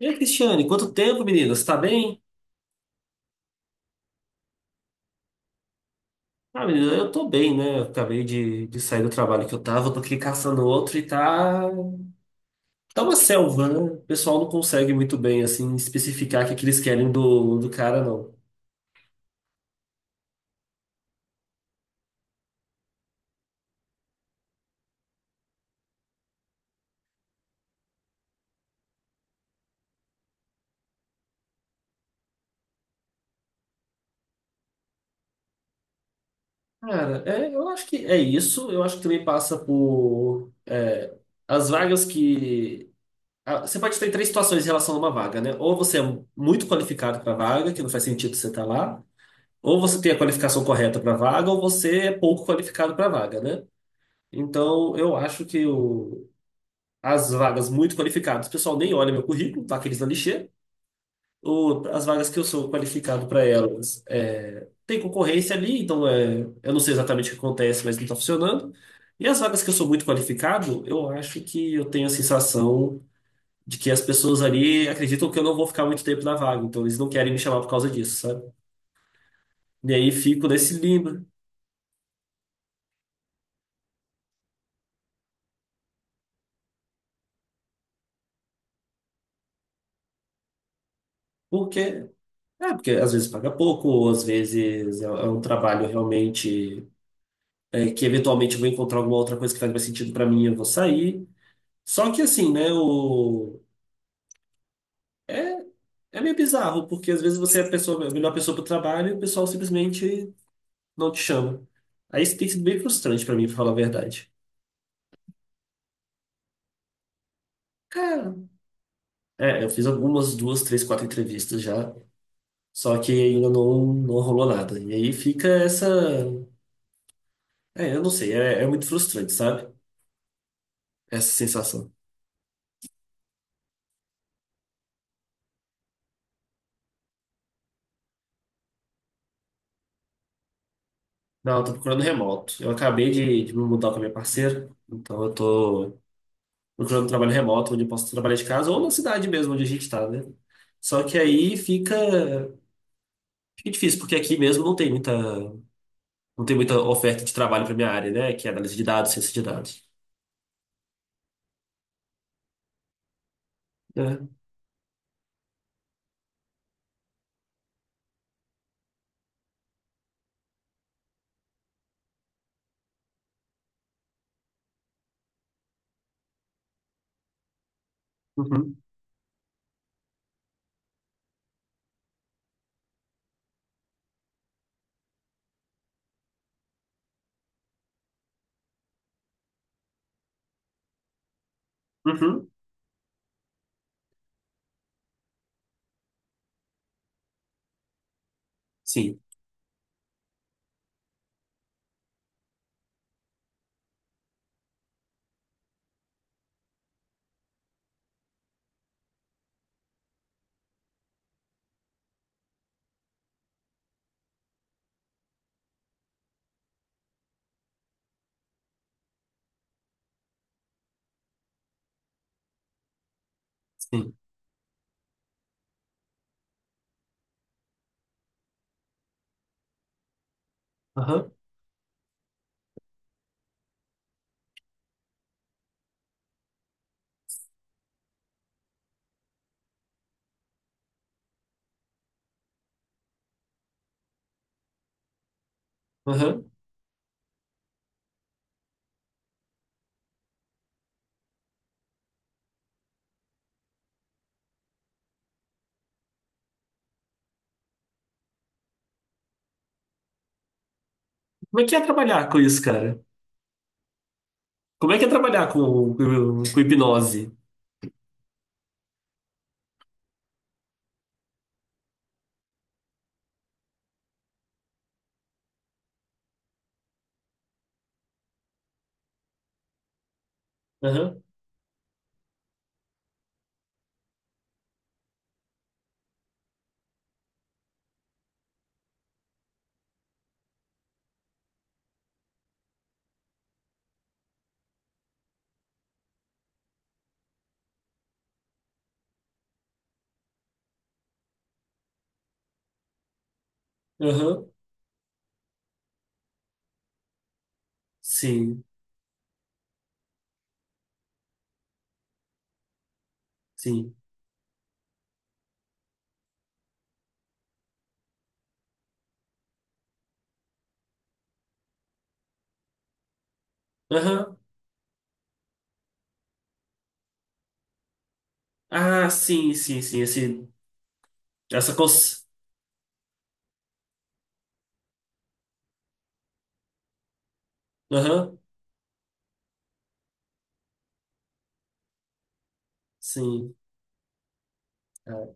E aí, Cristiane, quanto tempo, menina? Você tá bem? Ah, menina, eu tô bem, né? Eu acabei de sair do trabalho que tô aqui caçando outro e tá. Tá uma selva, né? O pessoal não consegue muito bem, assim, especificar o que, que eles querem do cara, não. Cara, eu acho que é isso. Eu acho que também passa por. É, as vagas que. Ah, Você pode ter três situações em relação a uma vaga, né? Ou você é muito qualificado pra vaga, que não faz sentido você estar lá. Ou você tem a qualificação correta pra vaga, ou você é pouco qualificado pra vaga, né? Então, eu acho que as vagas muito qualificadas, o pessoal nem olha meu currículo, tá aqueles na lixeira. As vagas que eu sou qualificado para elas, tem concorrência ali, então, eu não sei exatamente o que acontece, mas não está funcionando. E as vagas que eu sou muito qualificado, eu acho que eu tenho a sensação de que as pessoas ali acreditam que eu não vou ficar muito tempo na vaga, então eles não querem me chamar por causa disso, sabe? E aí fico nesse limbo, porque, porque às vezes paga pouco, ou às vezes é um trabalho realmente. Que eventualmente eu vou encontrar alguma outra coisa que faz mais sentido pra mim, eu vou sair. Só que assim, né, é, é meio bizarro, porque às vezes você é a pessoa, a melhor pessoa pro trabalho e o pessoal simplesmente não te chama. Aí isso tem sido bem frustrante pra mim, pra falar a verdade. Cara, eu fiz algumas, duas, três, quatro entrevistas já, só que ainda não, não rolou nada. E aí fica essa. É, eu não sei, é muito frustrante, sabe? Essa sensação. Não, eu tô procurando remoto. Eu acabei de me mudar com a minha parceira, então eu tô procurando um trabalho remoto, onde eu posso trabalhar de casa, ou na cidade mesmo, onde a gente está, né? Só que aí fica difícil, porque aqui mesmo não tem muita oferta de trabalho para minha área, né? Que é análise de dados, ciência de dados. É. Uhum. Uhum. Sim, sim. Aham. Aham. Como é que é trabalhar com isso, cara? Como é que é trabalhar com hipnose? Aham. Aham. Sim, sim. Aham. Ah, sim, sim, sim. Essa cons... Aham. Sim. Ah,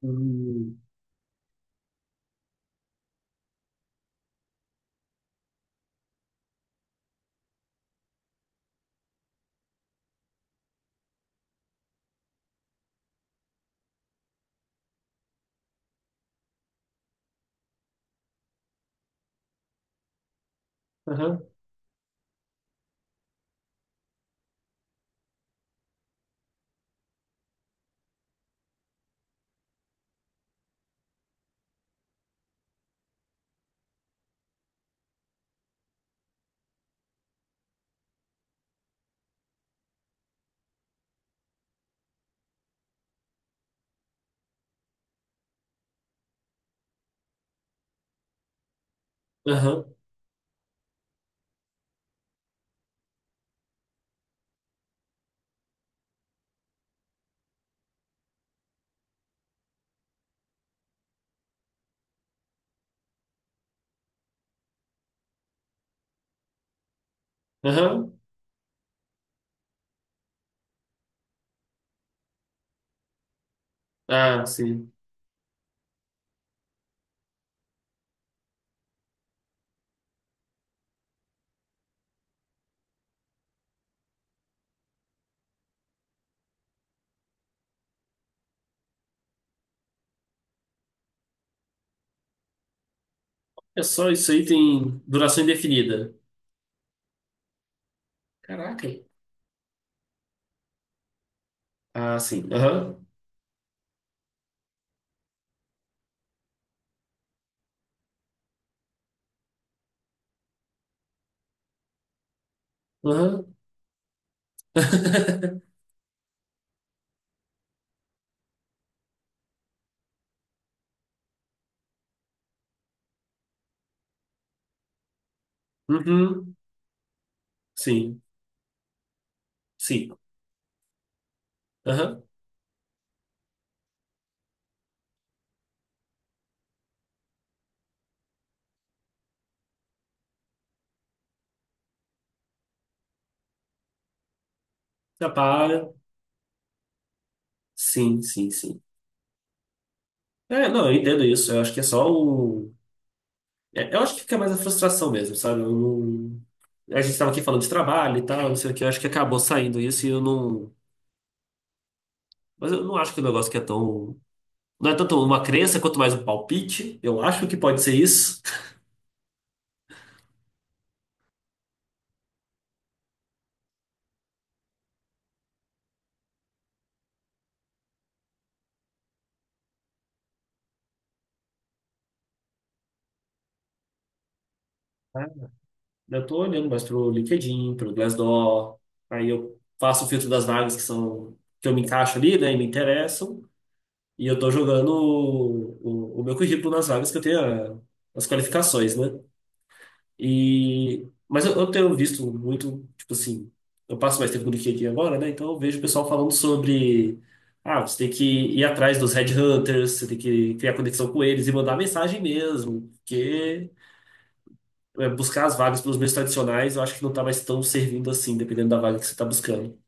hum. Aham. Aham, aham. Ah, sim. É só isso aí, tem duração indefinida. Caraca. Ah, sim. Aham, aham. Uhum. Sim, sim. Aham. Já para. Sim, sim, sim. É, não, eu entendo isso. Eu acho que é só o. Eu acho que fica mais a frustração mesmo, sabe? Eu não. A gente estava aqui falando de trabalho e tal, não sei o que. Eu acho que acabou saindo isso e eu não. Mas eu não acho que o negócio que é tão. Não é tanto uma crença quanto mais um palpite. Eu acho que pode ser isso. Tá? Eu estou olhando mais pro LinkedIn, pro Glassdoor. Aí eu faço o filtro das vagas que são que eu me encaixo ali, né, e me interessam. E eu estou jogando o meu currículo nas vagas que eu tenho as qualificações, né? E, mas eu tenho visto muito, tipo assim, eu passo mais tempo do que aqui agora, né? Então eu vejo o pessoal falando sobre, você tem que ir atrás dos headhunters, você tem que criar conexão com eles e mandar mensagem mesmo, porque buscar as vagas pelos meios tradicionais, eu acho que não tá mais tão servindo assim, dependendo da vaga que você está buscando.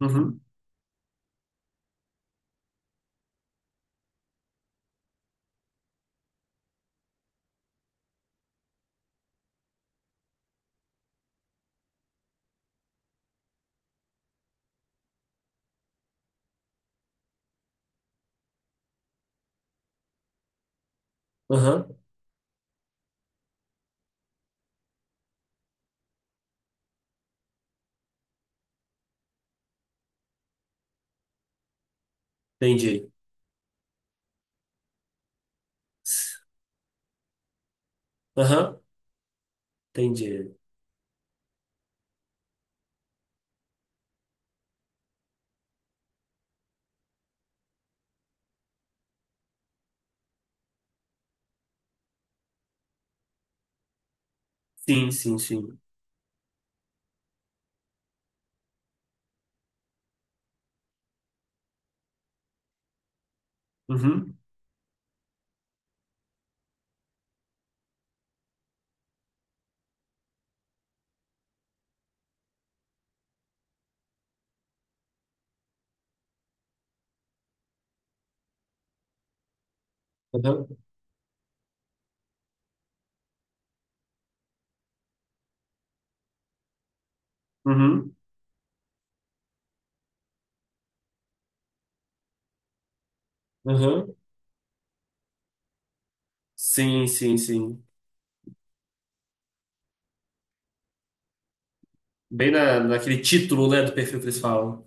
Uhum. Aham, entendi. Aham, entendi. Sim, sim, sim. Uhum, aham, uhum, aham. Sim, sim, sim. Bem naquele título, né, do perfil que eles falam.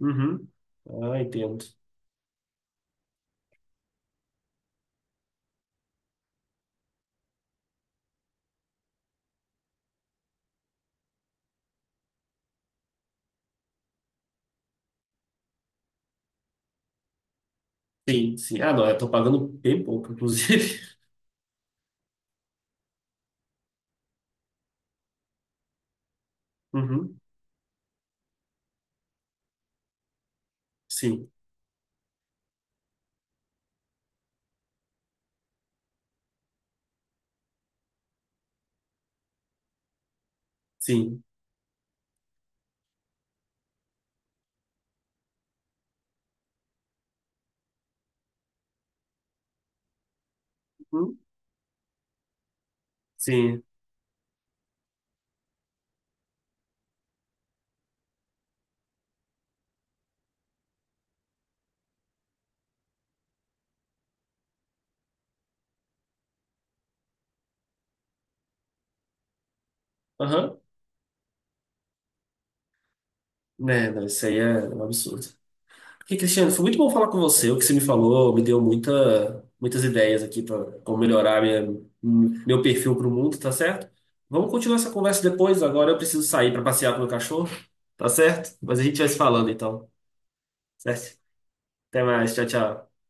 Uhum. Ah, entendo. Sim, sim. Ah, não, eu tô pagando bem pouco, inclusive. Uhum. Sim, sim. Uhum. Sim. Aham. Né, não, isso aí é um absurdo. Porque, Cristiano, foi muito bom falar com você. O que você me falou me deu muita, muitas ideias aqui para como melhorar minha, meu perfil para o mundo, tá certo? Vamos continuar essa conversa depois. Agora eu preciso sair para passear com o meu cachorro, tá certo? Mas a gente vai se falando então, certo? Até mais, tchau, tchau.